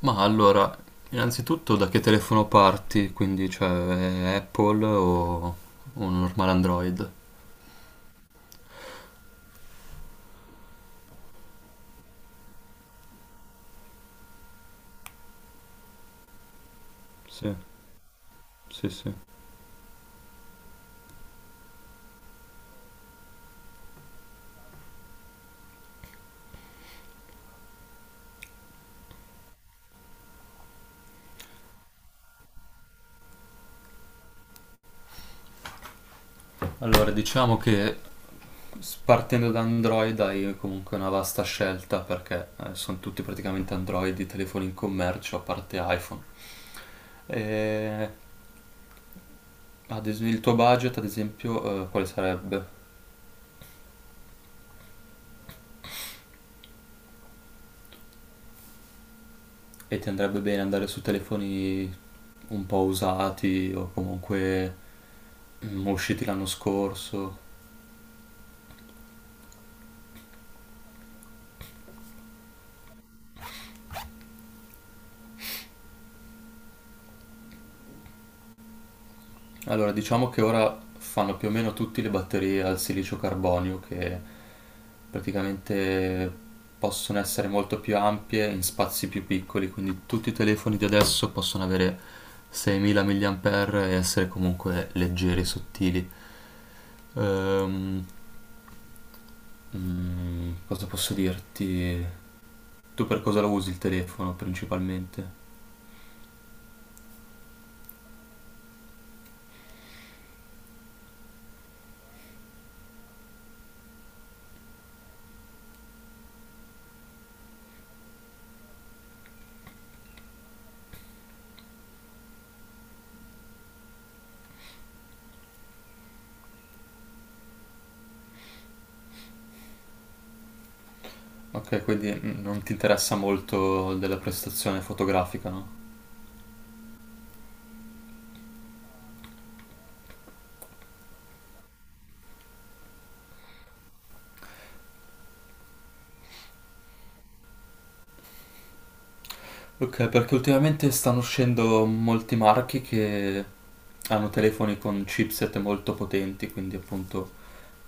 Ma allora, innanzitutto da che telefono parti? Quindi, cioè, è Apple o un normale Android? Sì, sì, sì. Allora, diciamo che partendo da Android hai comunque una vasta scelta perché sono tutti praticamente Android i telefoni in commercio, a parte iPhone. E, il tuo budget, ad esempio, quale sarebbe? E ti andrebbe bene andare su telefoni un po' usati o comunque usciti l'anno scorso? Allora, diciamo che ora fanno più o meno tutte le batterie al silicio carbonio che praticamente possono essere molto più ampie in spazi più piccoli, quindi tutti i telefoni di adesso possono avere 6.000 mAh e essere comunque leggeri e sottili. Ehm, cosa posso dirti? Tu per cosa lo usi il telefono principalmente? Ok, quindi non ti interessa molto della prestazione fotografica, no? Ok, perché ultimamente stanno uscendo molti marchi che hanno telefoni con chipset molto potenti, quindi appunto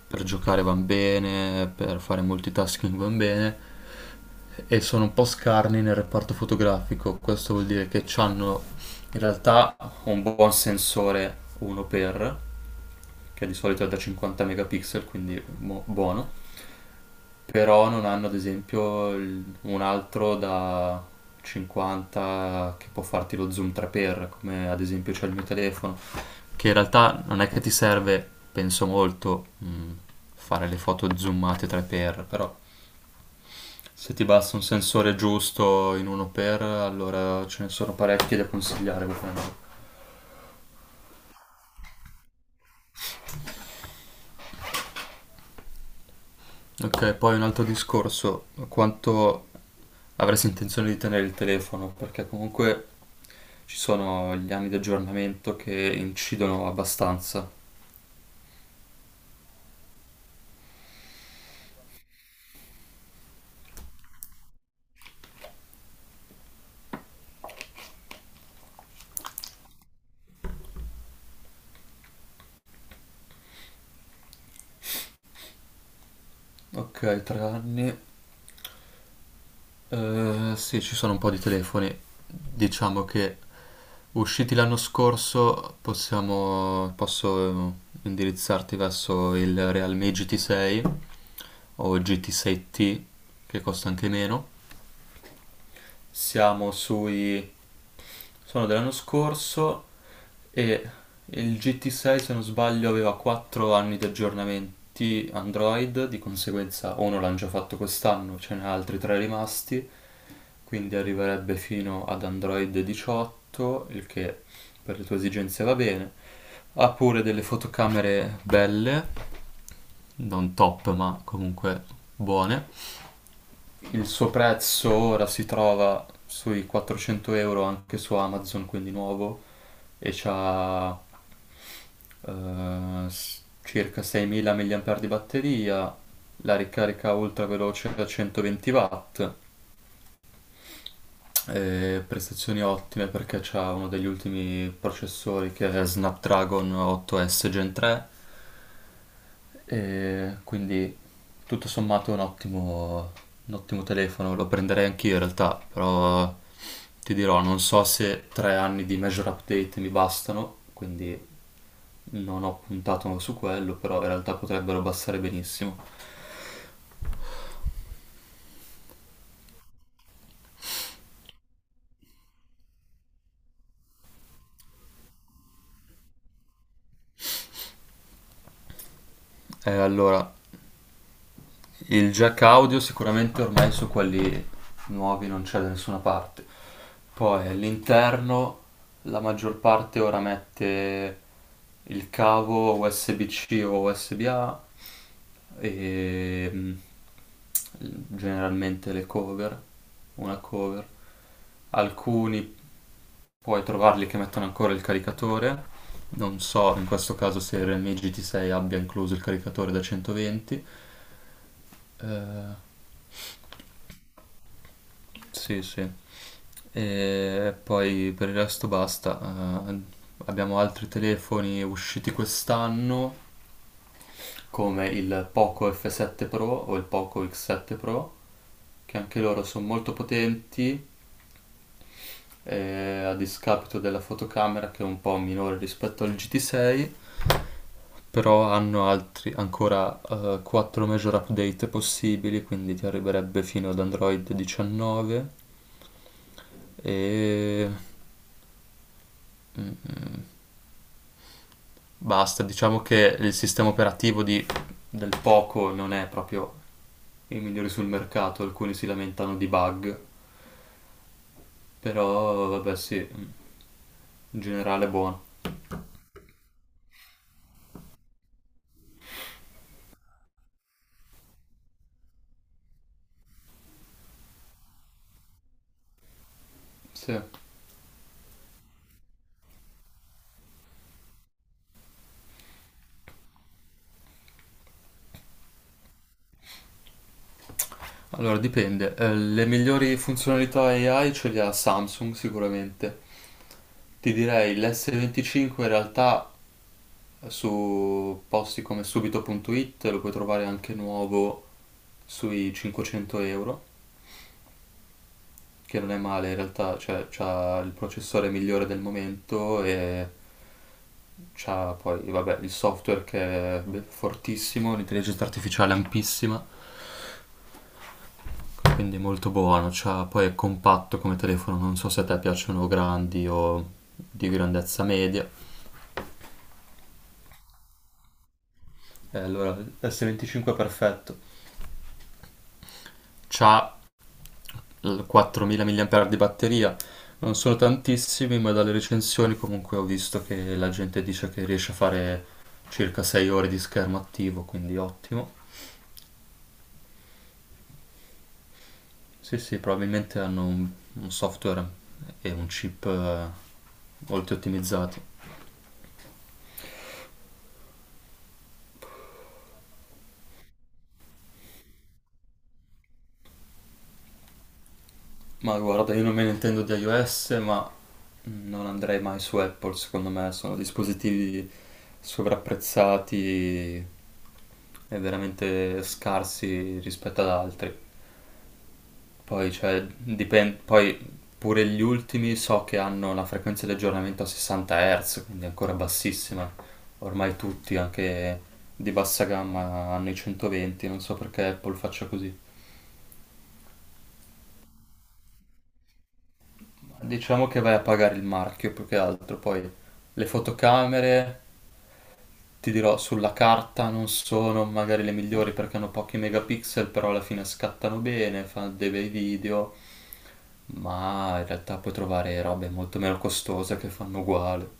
per giocare van bene, per fare multitasking van bene, e sono un po' scarni nel reparto fotografico. Questo vuol dire che hanno in realtà un buon sensore 1x, che di solito è da 50 megapixel, quindi buono, però non hanno ad esempio un altro da 50 che può farti lo zoom 3x, come ad esempio c'è il mio telefono, che in realtà non è che ti serve, penso molto, fare le foto zoomate 3x, però se ti basta un sensore giusto in 1x, allora ce ne sono parecchi da consigliare ovviamente. Ok, poi un altro discorso, quanto avresti intenzione di tenere il telefono, perché comunque ci sono gli anni di aggiornamento che incidono abbastanza. Ok, tre anni. Sì, ci sono un po' di telefoni. Diciamo che usciti l'anno scorso possiamo, posso indirizzarti verso il Realme GT6 o GT6T, che costa anche meno. Siamo sui Sono dell'anno scorso e il GT6, se non sbaglio, aveva 4 anni di aggiornamenti Android, di conseguenza uno l'hanno già fatto quest'anno, ce n'è altri 3 rimasti, quindi arriverebbe fino ad Android 18, il che per le tue esigenze va bene. Ha pure delle fotocamere belle, non top, ma comunque buone. Il suo prezzo ora si trova sui 400 euro anche su Amazon, quindi nuovo, e c'ha circa 6.000 mAh di batteria, la ricarica ultra veloce da 120 watt, e prestazioni ottime perché c'ha uno degli ultimi processori, che è Snapdragon 8S Gen 3. E quindi tutto sommato è un ottimo telefono, lo prenderei anch'io in realtà, però ti dirò, non so se tre anni di major update mi bastano, quindi non ho puntato su quello, però in realtà potrebbero bastare benissimo. Allora, il jack audio sicuramente ormai su quelli nuovi non c'è da nessuna parte. Poi all'interno la maggior parte ora mette il cavo USB-C o USB-A e generalmente le cover, una cover. Alcuni puoi trovarli che mettono ancora il caricatore. Non so in questo caso se il Realme GT6 abbia incluso il caricatore da 120. Eh, Sì, sì. E poi per il resto basta. Eh, abbiamo altri telefoni usciti quest'anno, come il Poco F7 Pro o il Poco X7 Pro, che anche loro sono molto potenti, a discapito della fotocamera, che è un po' minore rispetto al GT6, però hanno altri, ancora 4 major update possibili, quindi ti arriverebbe fino ad Android 19, e mm, basta, diciamo che il sistema operativo del Poco non è proprio il migliore sul mercato, alcuni si lamentano di bug, però vabbè sì, in generale è buono. Sì. Allora dipende, le migliori funzionalità AI ce le ha Samsung sicuramente. Ti direi l'S25, in realtà su posti come subito.it lo puoi trovare anche nuovo sui 500 euro, che non è male in realtà, cioè c'ha il processore migliore del momento e c'ha poi, vabbè, il software che è fortissimo, l'intelligenza artificiale ampissima, quindi molto buono, c'ha, poi è compatto come telefono, non so se a te piacciono grandi o di grandezza media, e allora S25 è perfetto. C'ha 4.000 mAh di batteria. Non sono tantissimi, ma dalle recensioni comunque ho visto che la gente dice che riesce a fare circa 6 ore di schermo attivo, quindi ottimo. Sì, sì, probabilmente hanno un software e un chip molto ottimizzati. Ma guarda, io non me ne intendo di iOS, ma non andrei mai su Apple, secondo me sono dispositivi sovrapprezzati e veramente scarsi rispetto ad altri. Poi, cioè, dipende, poi pure gli ultimi so che hanno la frequenza di aggiornamento a 60 Hz, quindi ancora bassissima. Ormai tutti, anche di bassa gamma, hanno i 120, non so perché Apple faccia così. Diciamo che vai a pagare il marchio più che altro, poi le fotocamere, ti dirò, sulla carta non sono magari le migliori perché hanno pochi megapixel, però alla fine scattano bene, fanno dei bei video, ma in realtà puoi trovare robe molto meno costose che fanno uguale.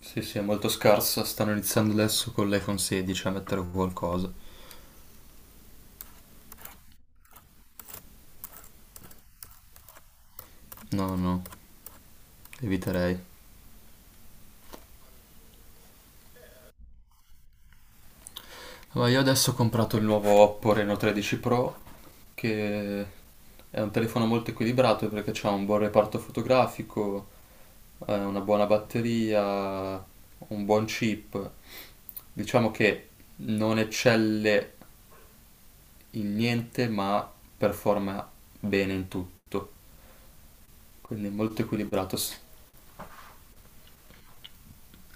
Sì, sì, è molto scarsa. Stanno iniziando adesso con l'iPhone 16 a mettere qualcosa. No, no, eviterei. Ma io adesso ho comprato il nuovo Oppo Reno 13 Pro, che è un telefono molto equilibrato perché c'ha un buon reparto fotografico, una buona batteria, un buon chip. Diciamo che non eccelle in niente, ma performa bene in tutto. Quindi è molto equilibrato.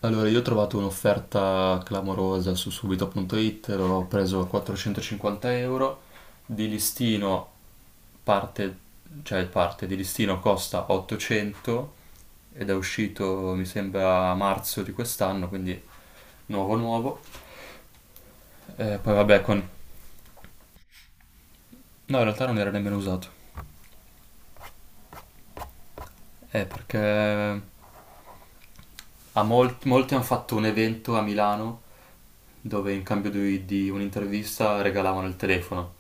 Allora, io ho trovato un'offerta clamorosa su subito.it, l'ho preso a 450 euro, di listino parte, cioè parte di listino costa 800 ed è uscito mi sembra a marzo di quest'anno, quindi nuovo nuovo. Poi vabbè, no, in realtà non era nemmeno usato. Perché molti hanno fatto un evento a Milano dove in cambio di un'intervista regalavano il telefono.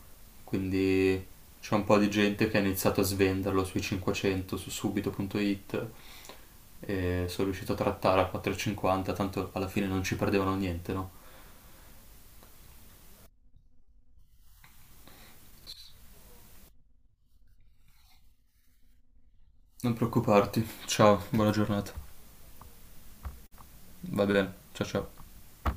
Quindi c'è un po' di gente che ha iniziato a svenderlo sui 500, su subito.it, e sono riuscito a trattare a 4,50, tanto alla fine non ci perdevano niente, no? Non preoccuparti. Ciao, buona giornata. Va bene. Ciao ciao.